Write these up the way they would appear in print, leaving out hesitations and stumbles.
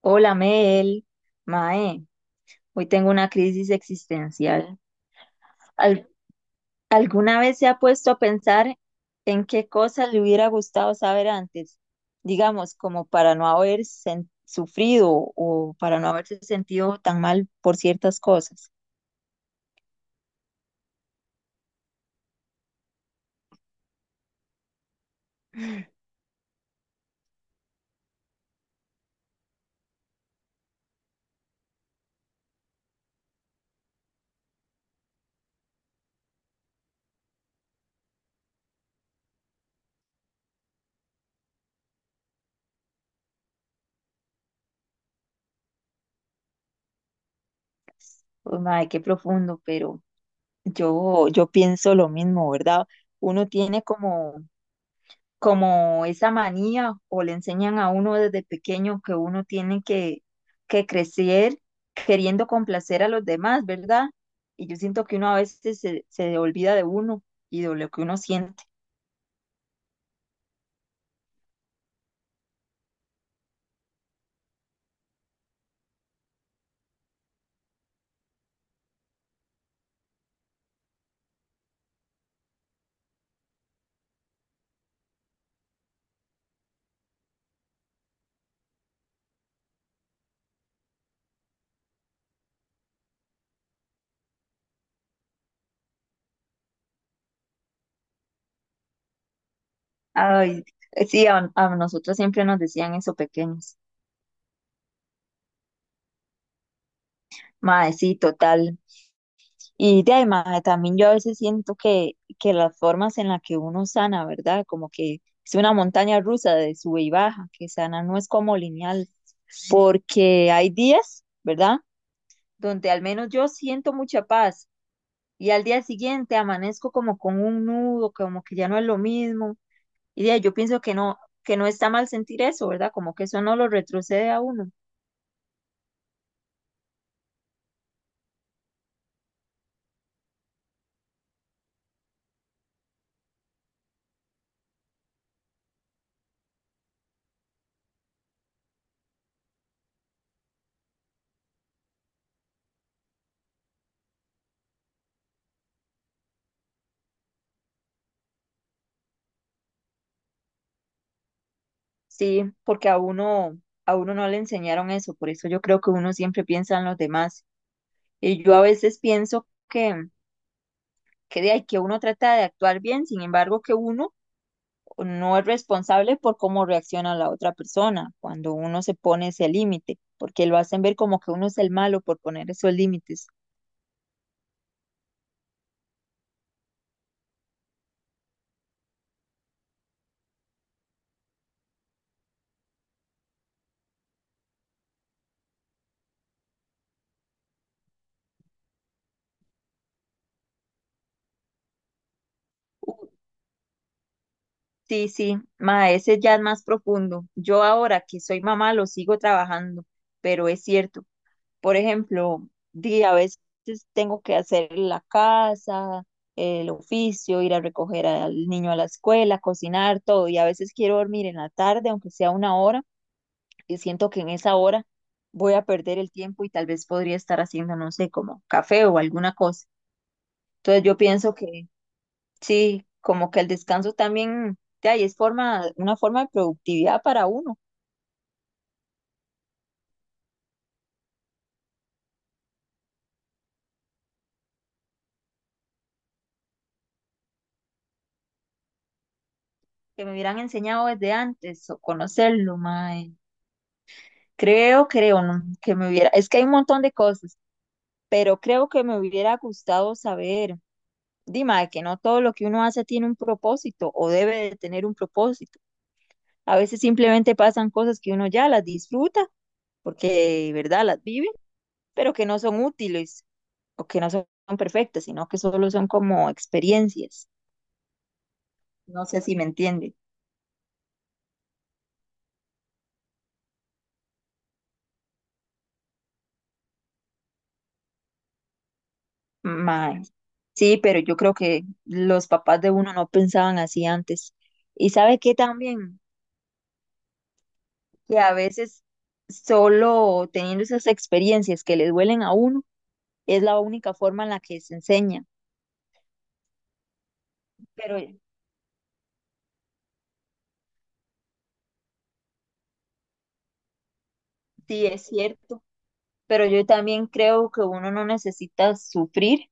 Hola Mel, Mae, hoy tengo una crisis existencial. ¿Al- ¿Alguna vez se ha puesto a pensar en qué cosas le hubiera gustado saber antes? Digamos, como para no haber sufrido o para no haberse sentido tan mal por ciertas cosas. Uy, mae, qué profundo, pero yo pienso lo mismo, ¿verdad? Uno tiene como esa manía o le enseñan a uno desde pequeño que uno tiene que crecer queriendo complacer a los demás, ¿verdad? Y yo siento que uno a veces se olvida de uno y de lo que uno siente. Ay, sí, a nosotros siempre nos decían eso pequeños. Mae, sí, total. Y de ahí, mae, también yo a veces siento que las formas en las que uno sana, ¿verdad? Como que es una montaña rusa de sube y baja, que sana no es como lineal. Porque hay días, ¿verdad? Donde al menos yo siento mucha paz y al día siguiente amanezco como con un nudo, como que ya no es lo mismo. Y de ahí yo pienso que no está mal sentir eso, ¿verdad? Como que eso no lo retrocede a uno. Sí, porque a uno no le enseñaron eso, por eso yo creo que uno siempre piensa en los demás. Y yo a veces pienso que de ahí que uno trata de actuar bien, sin embargo que uno no es responsable por cómo reacciona la otra persona cuando uno se pone ese límite, porque lo hacen ver como que uno es el malo por poner esos límites. Uh, sí, sí, ma, ese ya es más profundo. Yo ahora que soy mamá lo sigo trabajando, pero es cierto. Por ejemplo, di, a veces tengo que hacer la casa, el oficio, ir a recoger al niño a la escuela, cocinar, todo, y a veces quiero dormir en la tarde, aunque sea una hora y siento que en esa hora voy a perder el tiempo y tal vez podría estar haciendo, no sé, como café o alguna cosa. Entonces yo pienso que sí, como que el descanso también, de ahí es forma, una forma de productividad para uno, que me hubieran enseñado desde antes o conocerlo, mae. Creo, ¿no? Que me hubiera, es que hay un montón de cosas, pero creo que me hubiera gustado saber, Dima, que no todo lo que uno hace tiene un propósito o debe de tener un propósito. A veces simplemente pasan cosas que uno ya las disfruta porque, ¿verdad? Las vive, pero que no son útiles o que no son perfectas, sino que solo son como experiencias. No sé si me entiende. Mae. Sí, pero yo creo que los papás de uno no pensaban así antes. Y sabe qué también, que a veces solo teniendo esas experiencias que le duelen a uno, es la única forma en la que se enseña. Pero sí, es cierto. Pero yo también creo que uno no necesita sufrir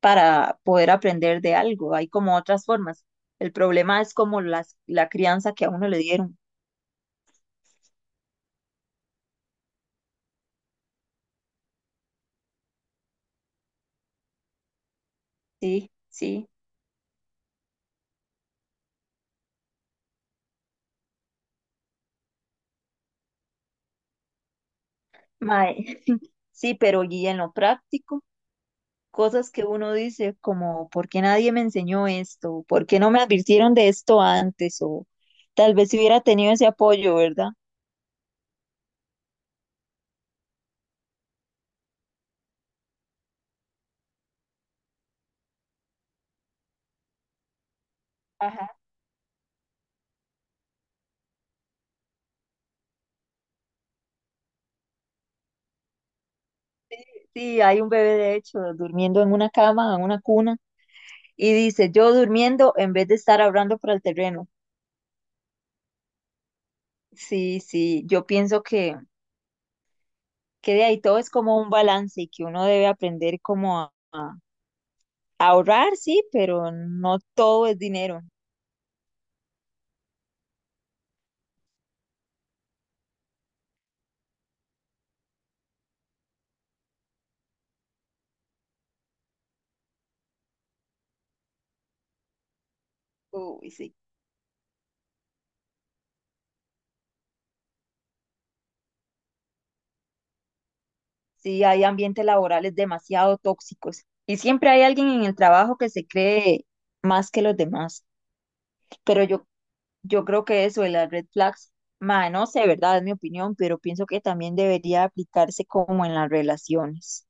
para poder aprender de algo. Hay como otras formas. El problema es como la crianza que a uno le dieron. Sí, sí. Mae, sí, pero y en lo práctico, cosas que uno dice como, ¿por qué nadie me enseñó esto? ¿Por qué no me advirtieron de esto antes? O tal vez si hubiera tenido ese apoyo, ¿verdad? Ajá. Sí, hay un bebé, de hecho, durmiendo en una cama, en una cuna, y dice, yo durmiendo en vez de estar hablando para el terreno. Sí, sí, yo pienso que de ahí todo es como un balance y que uno debe aprender como a ahorrar, sí, pero no todo es dinero. Uy, sí. Sí, hay ambientes laborales demasiado tóxicos y siempre hay alguien en el trabajo que se cree más que los demás. Pero yo creo que eso de las red flags, ma, no sé, ¿verdad? Es mi opinión, pero pienso que también debería aplicarse como en las relaciones,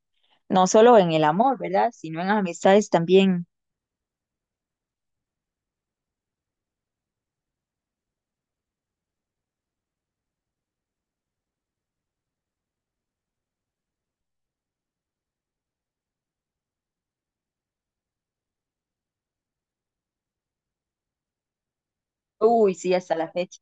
no solo en el amor, ¿verdad? Sino en las amistades también. Uy, sí, hasta la fecha.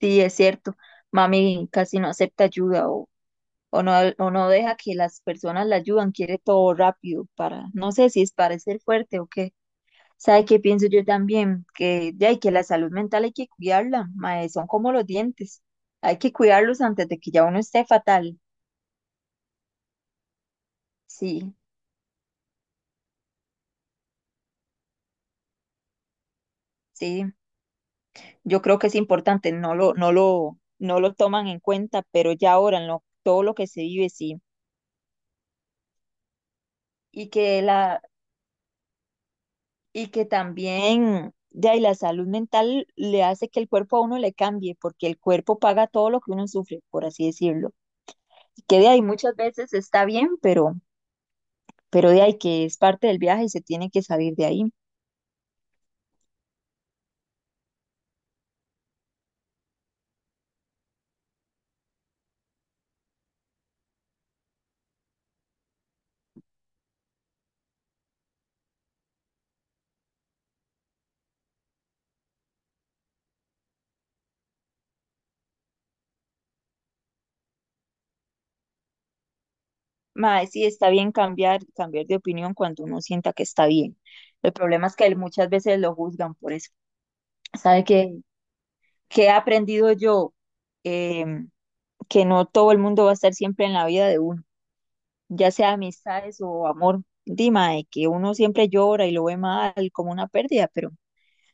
Sí, es cierto. Mami casi no acepta ayuda o no deja que las personas la ayudan, quiere todo rápido para, no sé si es para ser fuerte o qué. ¿Sabe qué pienso yo también? Que ya hay que la salud mental hay que cuidarla, mae, son como los dientes. Hay que cuidarlos antes de que ya uno esté fatal. Sí, sí. Yo creo que es importante, no lo toman en cuenta, pero ya ahora en todo lo que se vive, sí. Y que la, y que también, ya, y la salud mental le hace que el cuerpo a uno le cambie, porque el cuerpo paga todo lo que uno sufre, por así decirlo. Y que de ahí muchas veces está bien, pero de ahí que es parte del viaje y se tiene que salir de ahí. Mae, sí, está bien cambiar de opinión cuando uno sienta que está bien. El problema es que muchas veces lo juzgan por eso. ¿Sabe qué he aprendido yo? Em, que no todo el mundo va a estar siempre en la vida de uno. Ya sea amistades o amor, dima, de que uno siempre llora y lo ve mal como una pérdida, pero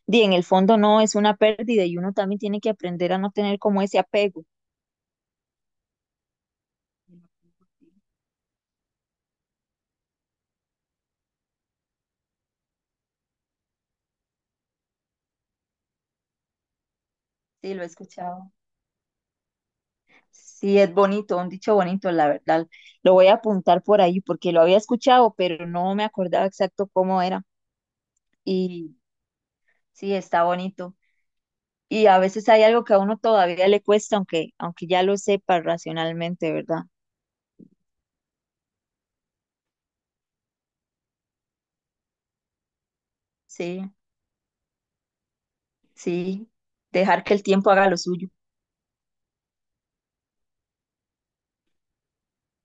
di, en el fondo no es una pérdida y uno también tiene que aprender a no tener como ese apego. Sí, lo he escuchado. Sí, es bonito, un dicho bonito, la verdad. Lo voy a apuntar por ahí porque lo había escuchado, pero no me acordaba exacto cómo era. Y sí, está bonito. Y a veces hay algo que a uno todavía le cuesta, aunque ya lo sepa racionalmente, ¿verdad? Sí. Sí, dejar que el tiempo haga lo suyo.